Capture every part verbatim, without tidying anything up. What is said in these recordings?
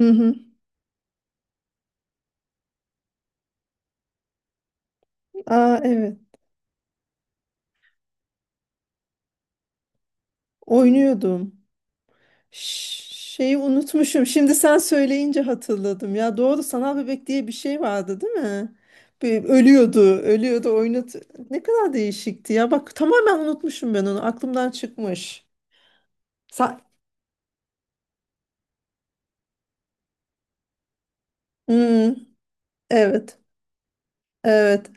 Hı hı. Aa, evet. Oynuyordum. Ş- Şeyi unutmuşum. Şimdi sen söyleyince hatırladım. Ya doğru, sanal bebek diye bir şey vardı, değil mi? Bir ölüyordu, ölüyordu, oynat. Ne kadar değişikti ya. Bak tamamen unutmuşum ben onu. Aklımdan çıkmış. Sa- Hmm, evet. Evet.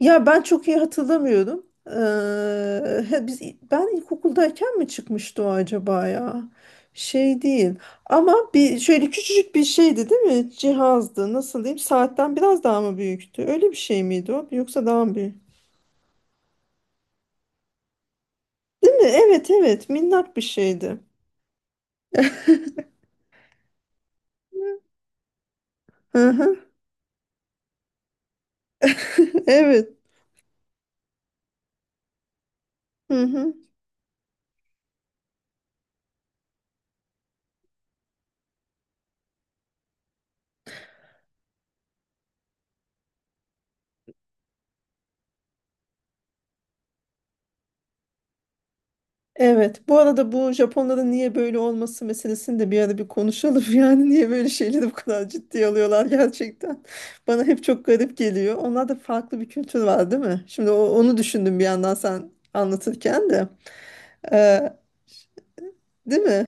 Ya ben çok iyi hatırlamıyorum. Ee, he, biz ben ilkokuldayken mi çıkmıştı o acaba ya? Şey değil. Ama bir şöyle küçücük bir şeydi, değil mi? Cihazdı. Nasıl diyeyim? Saatten biraz daha mı büyüktü? Öyle bir şey miydi o? Yoksa daha mı büyük? Değil mi? Evet, evet. Minnak bir şeydi. Hı hı. Evet. Hı hı. Evet. Bu arada bu Japonların niye böyle olması meselesini de bir ara bir konuşalım. Yani niye böyle şeyleri bu kadar ciddiye alıyorlar gerçekten. Bana hep çok garip geliyor. Onlarda farklı bir kültür var, değil mi? Şimdi o- onu düşündüm bir yandan sen anlatırken de. Ee, değil mi?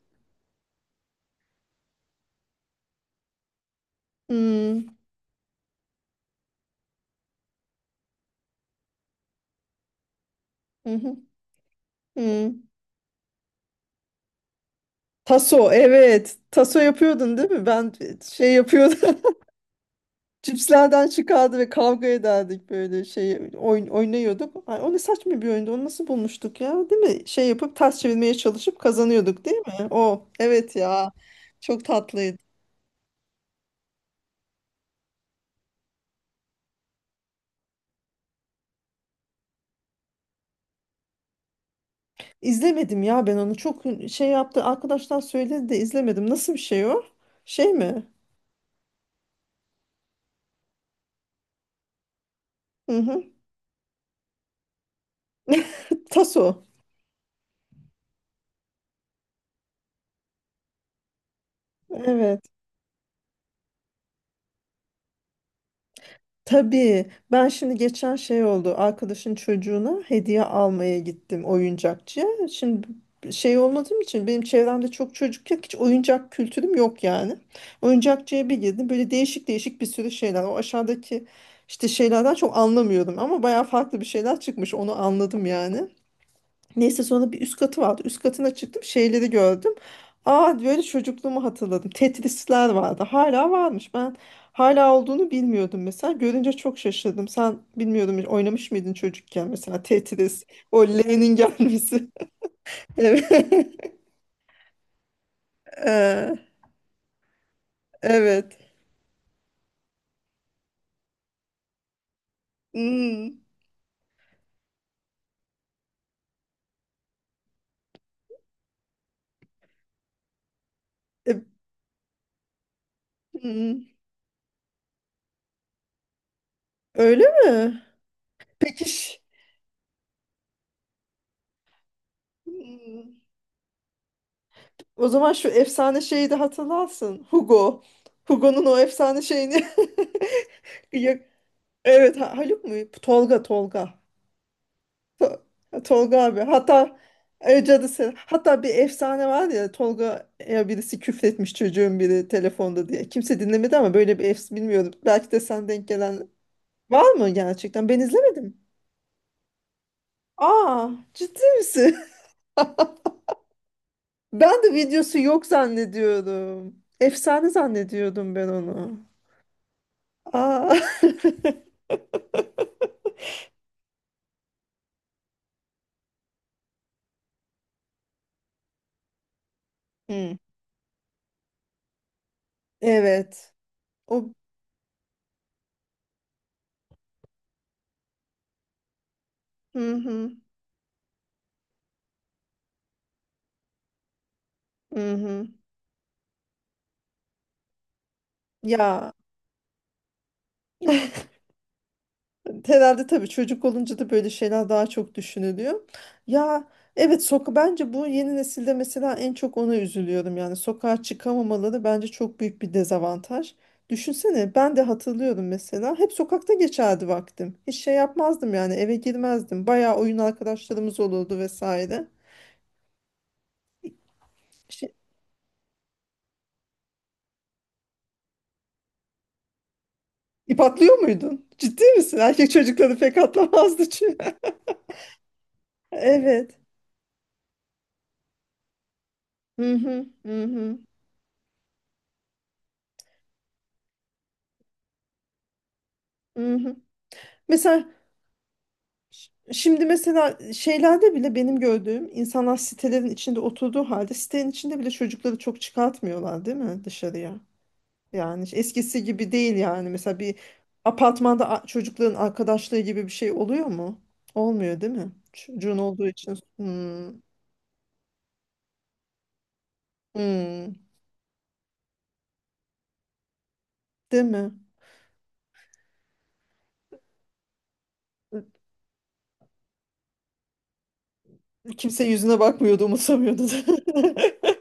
Hmm, hı hı, hmm. Taso, evet. Taso yapıyordun değil mi? Ben şey yapıyordum. Cipslerden çıkardı ve kavga ederdik böyle şey, oyun oynuyorduk. Ay, o ne saçma bir oyundu. Onu nasıl bulmuştuk ya? Değil mi? Şey yapıp ters çevirmeye çalışıp kazanıyorduk değil mi? O, evet ya. Çok tatlıydı. İzlemedim ya ben onu. Çok şey yaptı. Arkadaşlar söyledi de izlemedim. Nasıl bir şey o? Şey mi? Hı hı. Taso. Evet. Tabii, ben şimdi geçen şey oldu, arkadaşın çocuğuna hediye almaya gittim oyuncakçıya. Şimdi şey olmadığım için benim çevremde çok çocuk yok, hiç oyuncak kültürüm yok yani. Oyuncakçıya bir girdim, böyle değişik değişik bir sürü şeyler, o aşağıdaki işte şeylerden çok anlamıyordum ama bayağı farklı bir şeyler çıkmış onu anladım yani. Neyse, sonra bir üst katı vardı. Üst katına çıktım, şeyleri gördüm. Aa, böyle çocukluğumu hatırladım. Tetrisler vardı. Hala varmış. Ben hala olduğunu bilmiyordum mesela. Görünce çok şaşırdım. Sen bilmiyordum hiç oynamış mıydın çocukken mesela Tetris. O L'nin gelmesi. Evet. Ee, evet. Hmm. E, hmm. Öyle mi? Peki. ş- Hmm. O zaman şu efsane şeyi de hatırlarsın. Hugo. Hugo'nun o efsane şeyini yak- Evet, Ha- Haluk mu? Tolga, Tolga. To- Tolga abi. Hatta e, cadı. Hatta bir efsane var ya, Tolga'ya birisi küfretmiş, çocuğun biri telefonda diye. Kimse dinlemedi ama böyle bir efs, bilmiyorum. Belki de sen denk gelen, var mı gerçekten? Ben izlemedim. Aa, ciddi misin? Ben de videosu yok zannediyorum. Efsane zannediyordum ben onu. Aa. Hmm. Evet. O, hı hı hı hı. Ya, herhalde tabii çocuk olunca da böyle şeyler daha çok düşünülüyor. Ya evet, soka, bence bu yeni nesilde mesela en çok ona üzülüyorum. Yani sokağa çıkamamaları bence çok büyük bir dezavantaj. Düşünsene, ben de hatırlıyorum mesela hep sokakta geçerdi vaktim. Hiç şey yapmazdım yani, eve girmezdim. Bayağı oyun arkadaşlarımız olurdu vesaire. Şey, ip atlıyor muydun? Ciddi misin? Erkek çocukları pek atlamazdı çünkü. Evet. Hı hı hı hı. Hı hı. Mesela Ş- şimdi mesela şeylerde bile benim gördüğüm insanlar sitelerin içinde oturduğu halde sitenin içinde bile çocukları çok çıkartmıyorlar değil mi dışarıya? Yani eskisi gibi değil yani, mesela bir apartmanda, a- çocukların arkadaşlığı gibi bir şey oluyor mu? Olmuyor değil mi? Çocuğun olduğu için. Hmm, hmm, değil mi? Kimse yüzüne bakmıyordu, umursamıyordu.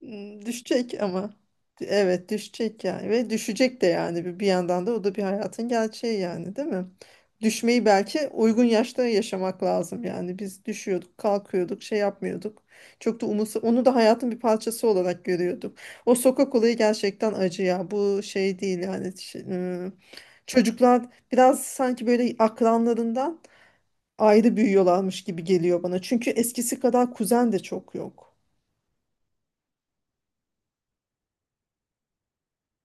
Hmm, düşecek ama. Evet, düşecek yani, ve düşecek de yani, bir bir yandan da o da bir hayatın gerçeği yani, değil mi? Düşmeyi belki uygun yaşta yaşamak lazım yani, biz düşüyorduk kalkıyorduk şey yapmıyorduk, çok da umursa, onu da hayatın bir parçası olarak görüyorduk. O sokak olayı gerçekten acı ya, bu şey değil yani. Ş- ıı, çocuklar biraz sanki böyle akranlarından ayrı büyüyorlarmış gibi geliyor bana, çünkü eskisi kadar kuzen de çok yok.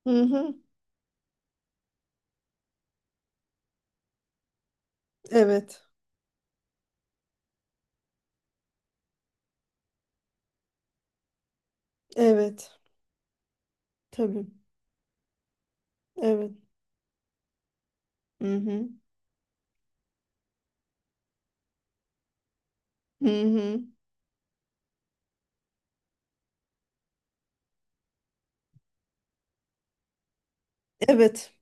Hı hı, evet. Evet, tabii. Evet. Hı hı. Hı hı. Evet,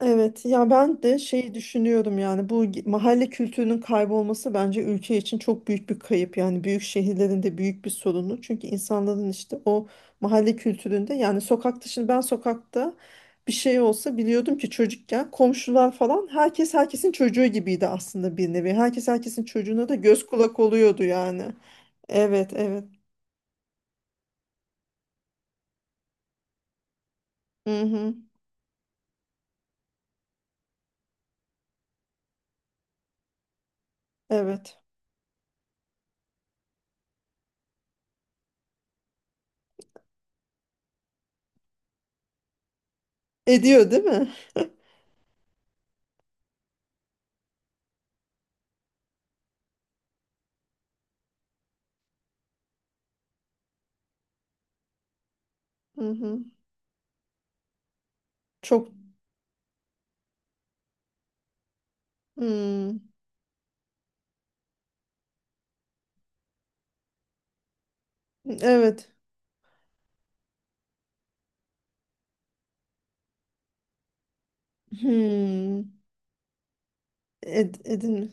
evet. Ya ben de şeyi düşünüyorum yani, bu ge- mahalle kültürünün kaybolması bence ülke için çok büyük bir kayıp. Yani büyük şehirlerin de büyük bir sorunu. Çünkü insanların işte o mahalle kültüründe yani, sokakta, şimdi ben sokakta bir şey olsa biliyordum ki, çocukken komşular falan, herkes herkesin çocuğu gibiydi aslında bir nevi. Herkes herkesin çocuğuna da göz kulak oluyordu yani. Evet, evet. Hı hı. Evet. Ediyor değil mi? Hı hı. Çok. Hmm. Evet. Hmm. Ed, edin mi?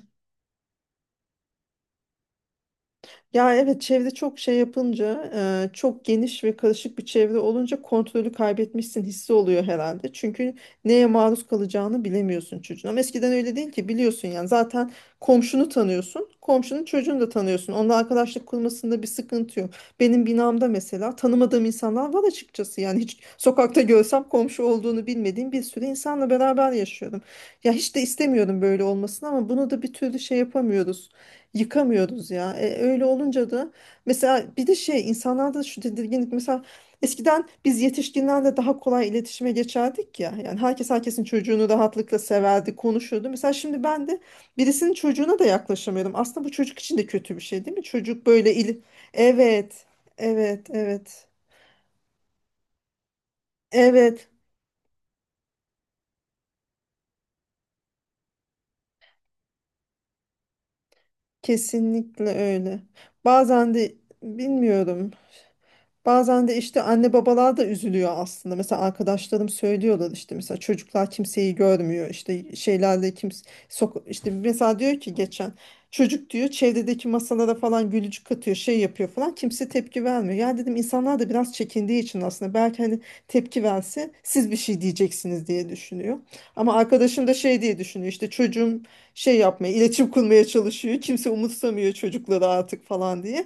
Ya evet, çevre çok şey yapınca, e, çok geniş ve karışık bir çevre olunca kontrolü kaybetmişsin hissi oluyor herhalde. Çünkü neye maruz kalacağını bilemiyorsun çocuğun. Ama eskiden öyle değil ki, biliyorsun yani zaten komşunu tanıyorsun. Komşunun çocuğunu da tanıyorsun. Onunla arkadaşlık kurmasında bir sıkıntı yok. Benim binamda mesela tanımadığım insanlar var açıkçası. Yani hiç sokakta görsem komşu olduğunu bilmediğim bir sürü insanla beraber yaşıyorum. Ya hiç de istemiyorum böyle olmasını, ama bunu da bir türlü şey yapamıyoruz, yıkamıyoruz ya. E, öyle olunca da mesela, bir de şey, insanlarda şu tedirginlik, mesela eskiden biz yetişkinlerle daha kolay iletişime geçerdik ya. Yani herkes herkesin çocuğunu rahatlıkla severdi, konuşuyordu. Mesela şimdi ben de birisinin çocuğuna da yaklaşamıyorum. Aslında bu çocuk için de kötü bir şey, değil mi? Çocuk böyle ili, evet. Evet, evet. Evet, kesinlikle öyle. Bazen de bilmiyorum. Bazen de işte anne babalar da üzülüyor aslında. Mesela arkadaşlarım söylüyorlar, işte mesela çocuklar kimseyi görmüyor. İşte şeylerle kimse, sok işte mesela, diyor ki geçen çocuk diyor çevredeki masalara falan gülücük katıyor, şey yapıyor falan, kimse tepki vermiyor. Ya dedim, insanlar da biraz çekindiği için aslında, belki hani tepki verse siz bir şey diyeceksiniz diye düşünüyor. Ama arkadaşım da şey diye düşünüyor, işte çocuğum şey yapmaya, iletişim kurmaya çalışıyor. Kimse umursamıyor çocukları artık falan diye.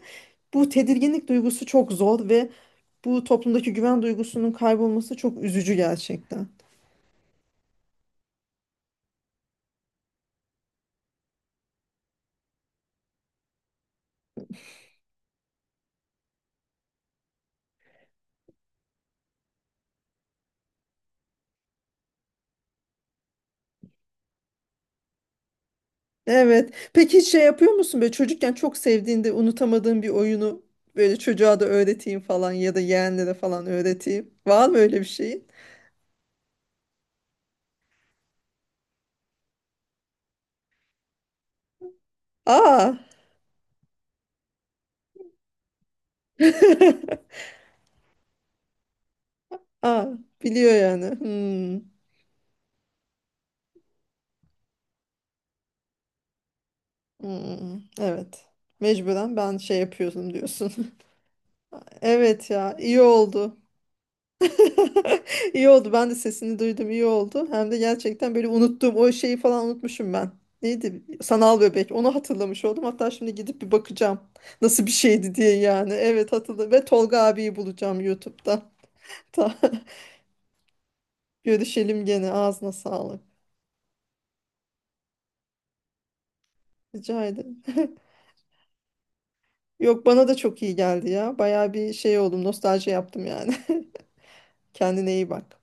Bu tedirginlik duygusu çok zor ve bu toplumdaki güven duygusunun kaybolması çok üzücü gerçekten. Evet. Peki hiç şey yapıyor musun, böyle çocukken çok sevdiğinde unutamadığın bir oyunu böyle çocuğa da öğreteyim falan ya da yeğenlere falan öğreteyim. Var mı öyle bir şeyin? Aa. Aa, biliyor yani. Hmm. Hmm. Evet. Mecburen ben şey yapıyordum diyorsun. Evet ya, iyi oldu. İyi oldu. Ben de sesini duydum. İyi oldu. Hem de gerçekten böyle unuttuğum o şeyi falan, unutmuşum ben. Neydi? Sanal bebek. Onu hatırlamış oldum. Hatta şimdi gidip bir bakacağım. Nasıl bir şeydi diye yani. Evet, hatırladım. Ve Tolga abiyi bulacağım YouTube'da. Ta- Görüşelim gene. Ağzına sağlık. Rica ederim. Yok, bana da çok iyi geldi ya. Baya bir şey oldum. Nostalji yaptım yani. Kendine iyi bak.